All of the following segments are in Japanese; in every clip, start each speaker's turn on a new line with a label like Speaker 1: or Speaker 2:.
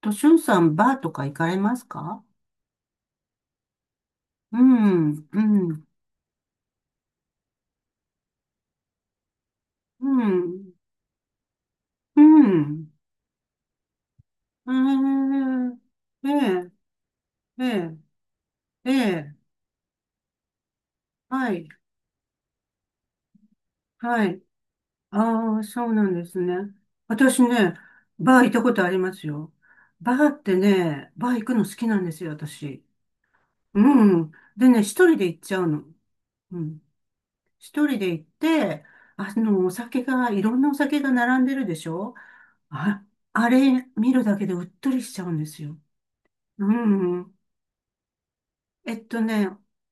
Speaker 1: と、しゅんさん、バーとか行かれますか？うん、うん、うん、うん。ええ、ええ、ええ、ええ。はい、はい。ああ、そうなんですね。私ね、バー行ったことありますよ。バーってね、バー行くの好きなんですよ、私。うん。でね、一人で行っちゃうの。うん。一人で行って、お酒が、いろんなお酒が並んでるでしょ？あ、あれ見るだけでうっとりしちゃうんですよ。うん。えっとね、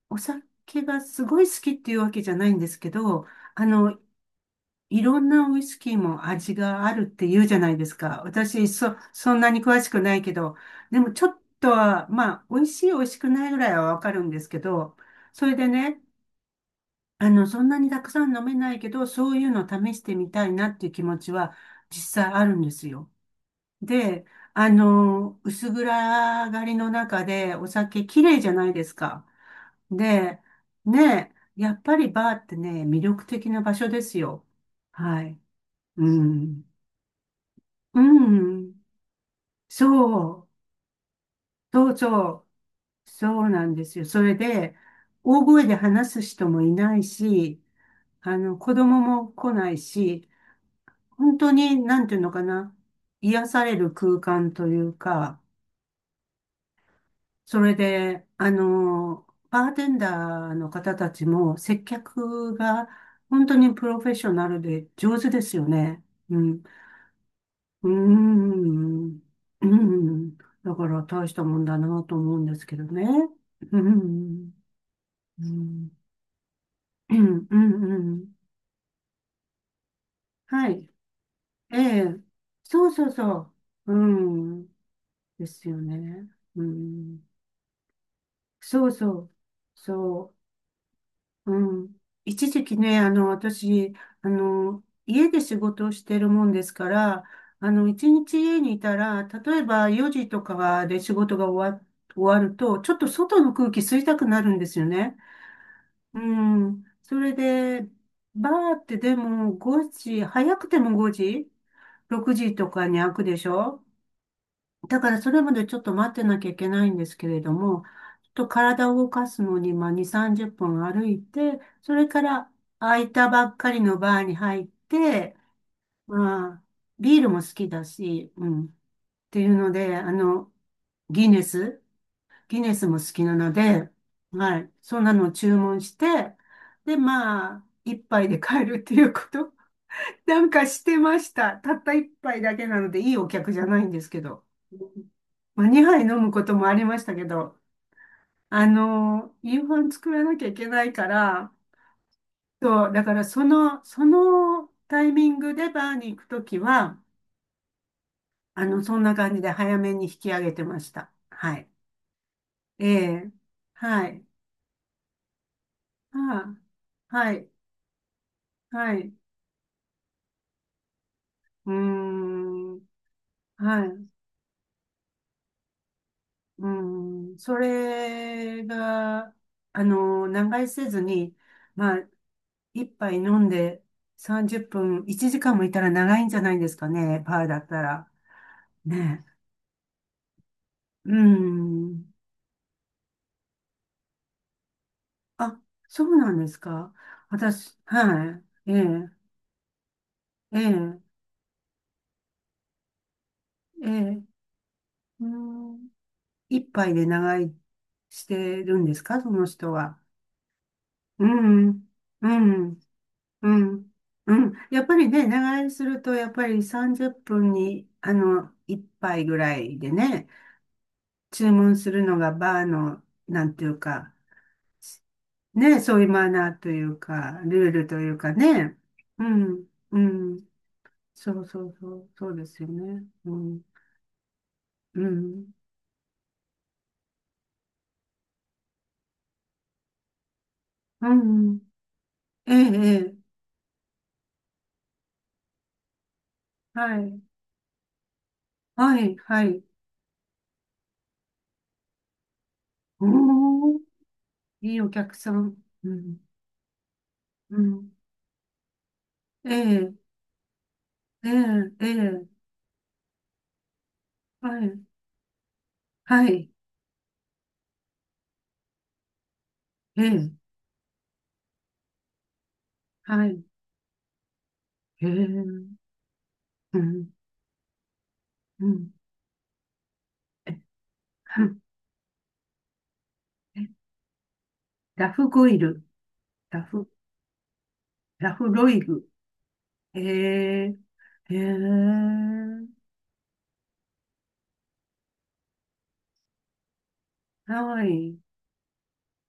Speaker 1: お酒がすごい好きっていうわけじゃないんですけど、あの、いろんなウイスキーも味があるって言うじゃないですか。私、そんなに詳しくないけど、でもちょっとは、まあ、美味しい美味しくないぐらいはわかるんですけど、それでね、そんなにたくさん飲めないけど、そういうの試してみたいなっていう気持ちは実際あるんですよ。で、薄暗がりの中でお酒綺麗じゃないですか。で、ねやっぱりバーってね、魅力的な場所ですよ。はい。うん。うん。そう。そうそう。そうなんですよ。それで、大声で話す人もいないし、子供も来ないし、本当に、なんていうのかな、癒される空間というか、それで、バーテンダーの方たちも接客が本当にプロフェッショナルで上手ですよね。うん。うーん。うん。だから大したもんだなと思うんですけどね。うん。うん。うん。うん。はい。ええ。そうそうそう。うん。ですよね。うん。そうそう。そう。うん。一時期ね、私、家で仕事をしてるもんですから、一日家にいたら、例えば4時とかで仕事が終わると、ちょっと外の空気吸いたくなるんですよね。うん。それで、バーってでも5時、早くても5時、6時とかに開くでしょ？だからそれまでちょっと待ってなきゃいけないんですけれども、ちょっと体を動かすのに、まあ、2、30分歩いて、それから空いたばっかりのバーに入って、まあ、ビールも好きだし、うん、っていうので、ギネス、ギネスも好きなので、はい、そんなのを注文して、で、まあ、一杯で帰るっていうこと、なんかしてました。たった一杯だけなので、いいお客じゃないんですけど。まあ、2杯飲むこともありましたけど、夕飯作らなきゃいけないから、そう、だからそのタイミングでバーに行くときは、そんな感じで早めに引き上げてました。はい。ええ、はい。ああ、はい。はい。うーん。はい。うん、それが、長居せずに、まあ、一杯飲んで30分、1時間もいたら長いんじゃないんですかね、パーだったら。ねえ。うん。あ、そうなんですか。私、はい。ええ、ええ、ええ。うん、一杯で長居してるんですか、その人は。うん、うん。うん。うん。やっぱりね、長居すると、やっぱり30分に、1杯ぐらいでね、注文するのがバーの、なんていうか、ね、そういうマナーというか、ルールというかね。うん。うん。そうそうそう。そうですよね。うん。うん。うん。ええ、ええ。はい。はい、はい。おー、いいお客さん。うん。うん。ええ、ええ、ええ。はい。はい。ええ、はい。ええ、うん、うん。え、はんえラフゴイル、ラフ、ラフロイグ。ええ、ええ、はい、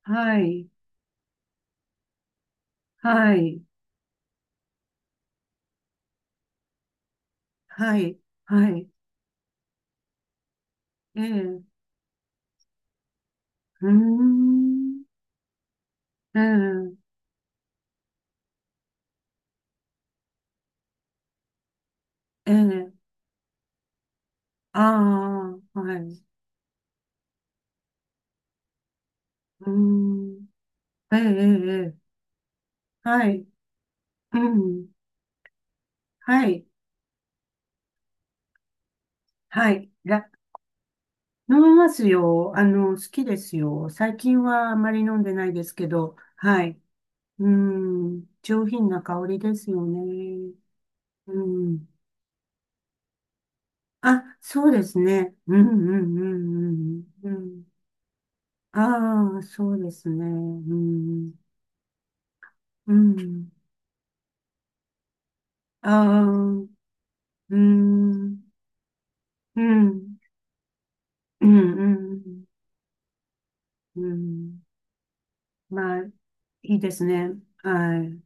Speaker 1: はい、はい、はい、はい。ええ、うーん、ええ、ええ、ああ、はい、うーん、ええ、ええ、ええ。はい、うん、はい、はい。飲みますよ。好きですよ。最近はあまり飲んでないですけど、はい。うん、上品な香りですよね。うん。あ、そうですね。うんうんうんうんうん。ああそうですね。うん。うん。ああ、うん。うん。うん。うん。うん。まあ、いいですね。はい。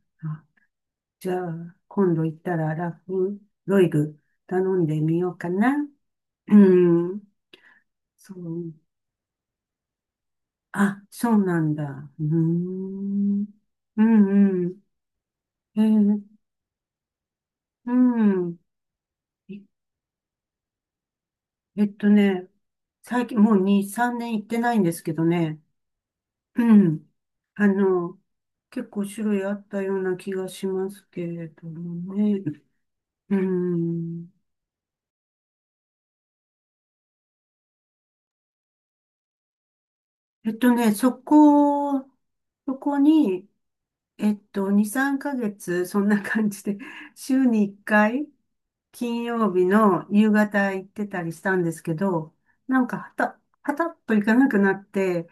Speaker 1: じゃあ、今度行ったらラフンロイグ頼んでみようかな。うん。そう。あ、そうなんだ。うーん。うんうん。えーうん。ええっとね、最近もう2、3年行ってないんですけどね。うん。あの、結構種類あったような気がしますけれどもね。うん。えっとね、そこ、そこに、2、3ヶ月、そんな感じで、週に1回、金曜日の夕方行ってたりしたんですけど、なんかはたっと行かなくなって、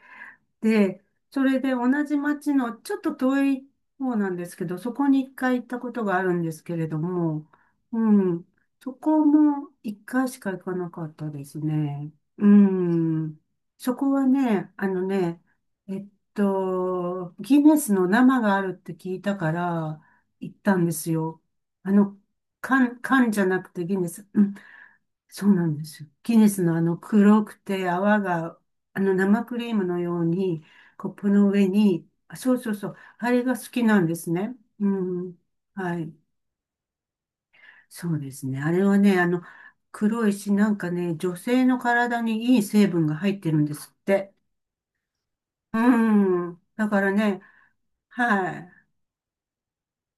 Speaker 1: で、それで同じ町のちょっと遠い方なんですけど、そこに一回行ったことがあるんですけれども、うん、そこも一回しか行かなかったですね。うん、そこはね、えっギネスの生があるって聞いたから行ったんですよ。あの、缶じゃなくてギネス。そうなんですよ。ギネスのあの黒くて泡が、あの生クリームのようにコップの上に、あそうそうそう、あれが好きなんですね。うん。はい。そうですね。あれはね、黒いし、なんかね、女性の体にいい成分が入ってるんですって。うん。だからね、はい。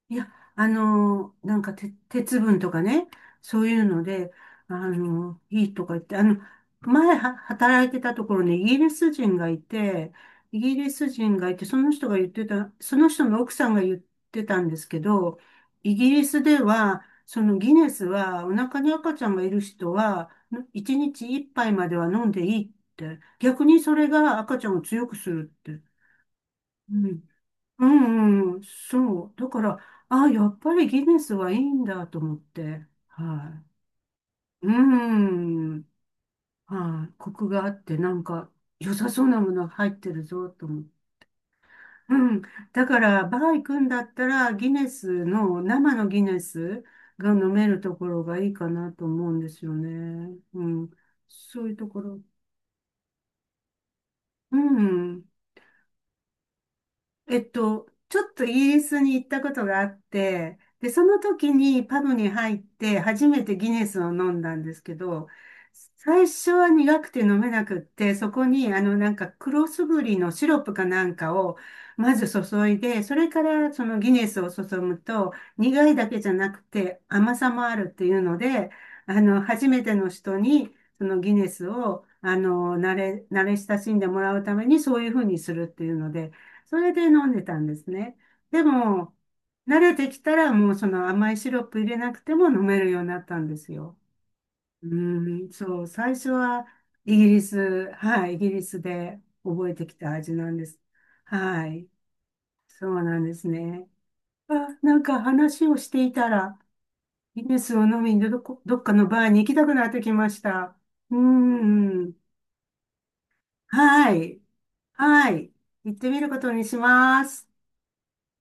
Speaker 1: いや、なんかて、鉄分とかね、そういうので、いいとか言って、前は働いてたところにイギリス人がいて、イギリス人がいて、その人が言ってた、その人の奥さんが言ってたんですけど、イギリスでは、そのギネスは、お腹に赤ちゃんがいる人は、1日1杯までは飲んでいいって、逆にそれが赤ちゃんを強くするって。うんうんうん、そう。だから、あ、やっぱりギネスはいいんだと思って。はい。うん。はい。コクがあって、なんか、良さそうなものが入ってるぞ、と思って。うん。だから、バー行くんだったら、ギネスの、生のギネスが飲めるところがいいかなと思うんですよね。うん。そういうところ。うん。ちょっとイギリスに行ったことがあって、で、その時にパブに入って初めてギネスを飲んだんですけど、最初は苦くて飲めなくって、そこになんか黒すぐりのシロップかなんかをまず注いで、それからそのギネスを注ぐと苦いだけじゃなくて甘さもあるっていうので、初めての人にそのギネスを慣れ親しんでもらうためにそういうふうにするっていうので、それで飲んでたんですね。でも、慣れてきたらもうその甘いシロップ入れなくても飲めるようになったんですよ。うーん、そう、最初はイギリス、はい、イギリスで覚えてきた味なんです。はい、そうなんですね。あ、なんか話をしていたら、ギネスを飲みにどっかのバーに行きたくなってきました。うーん、はい、はい、行ってみることにします。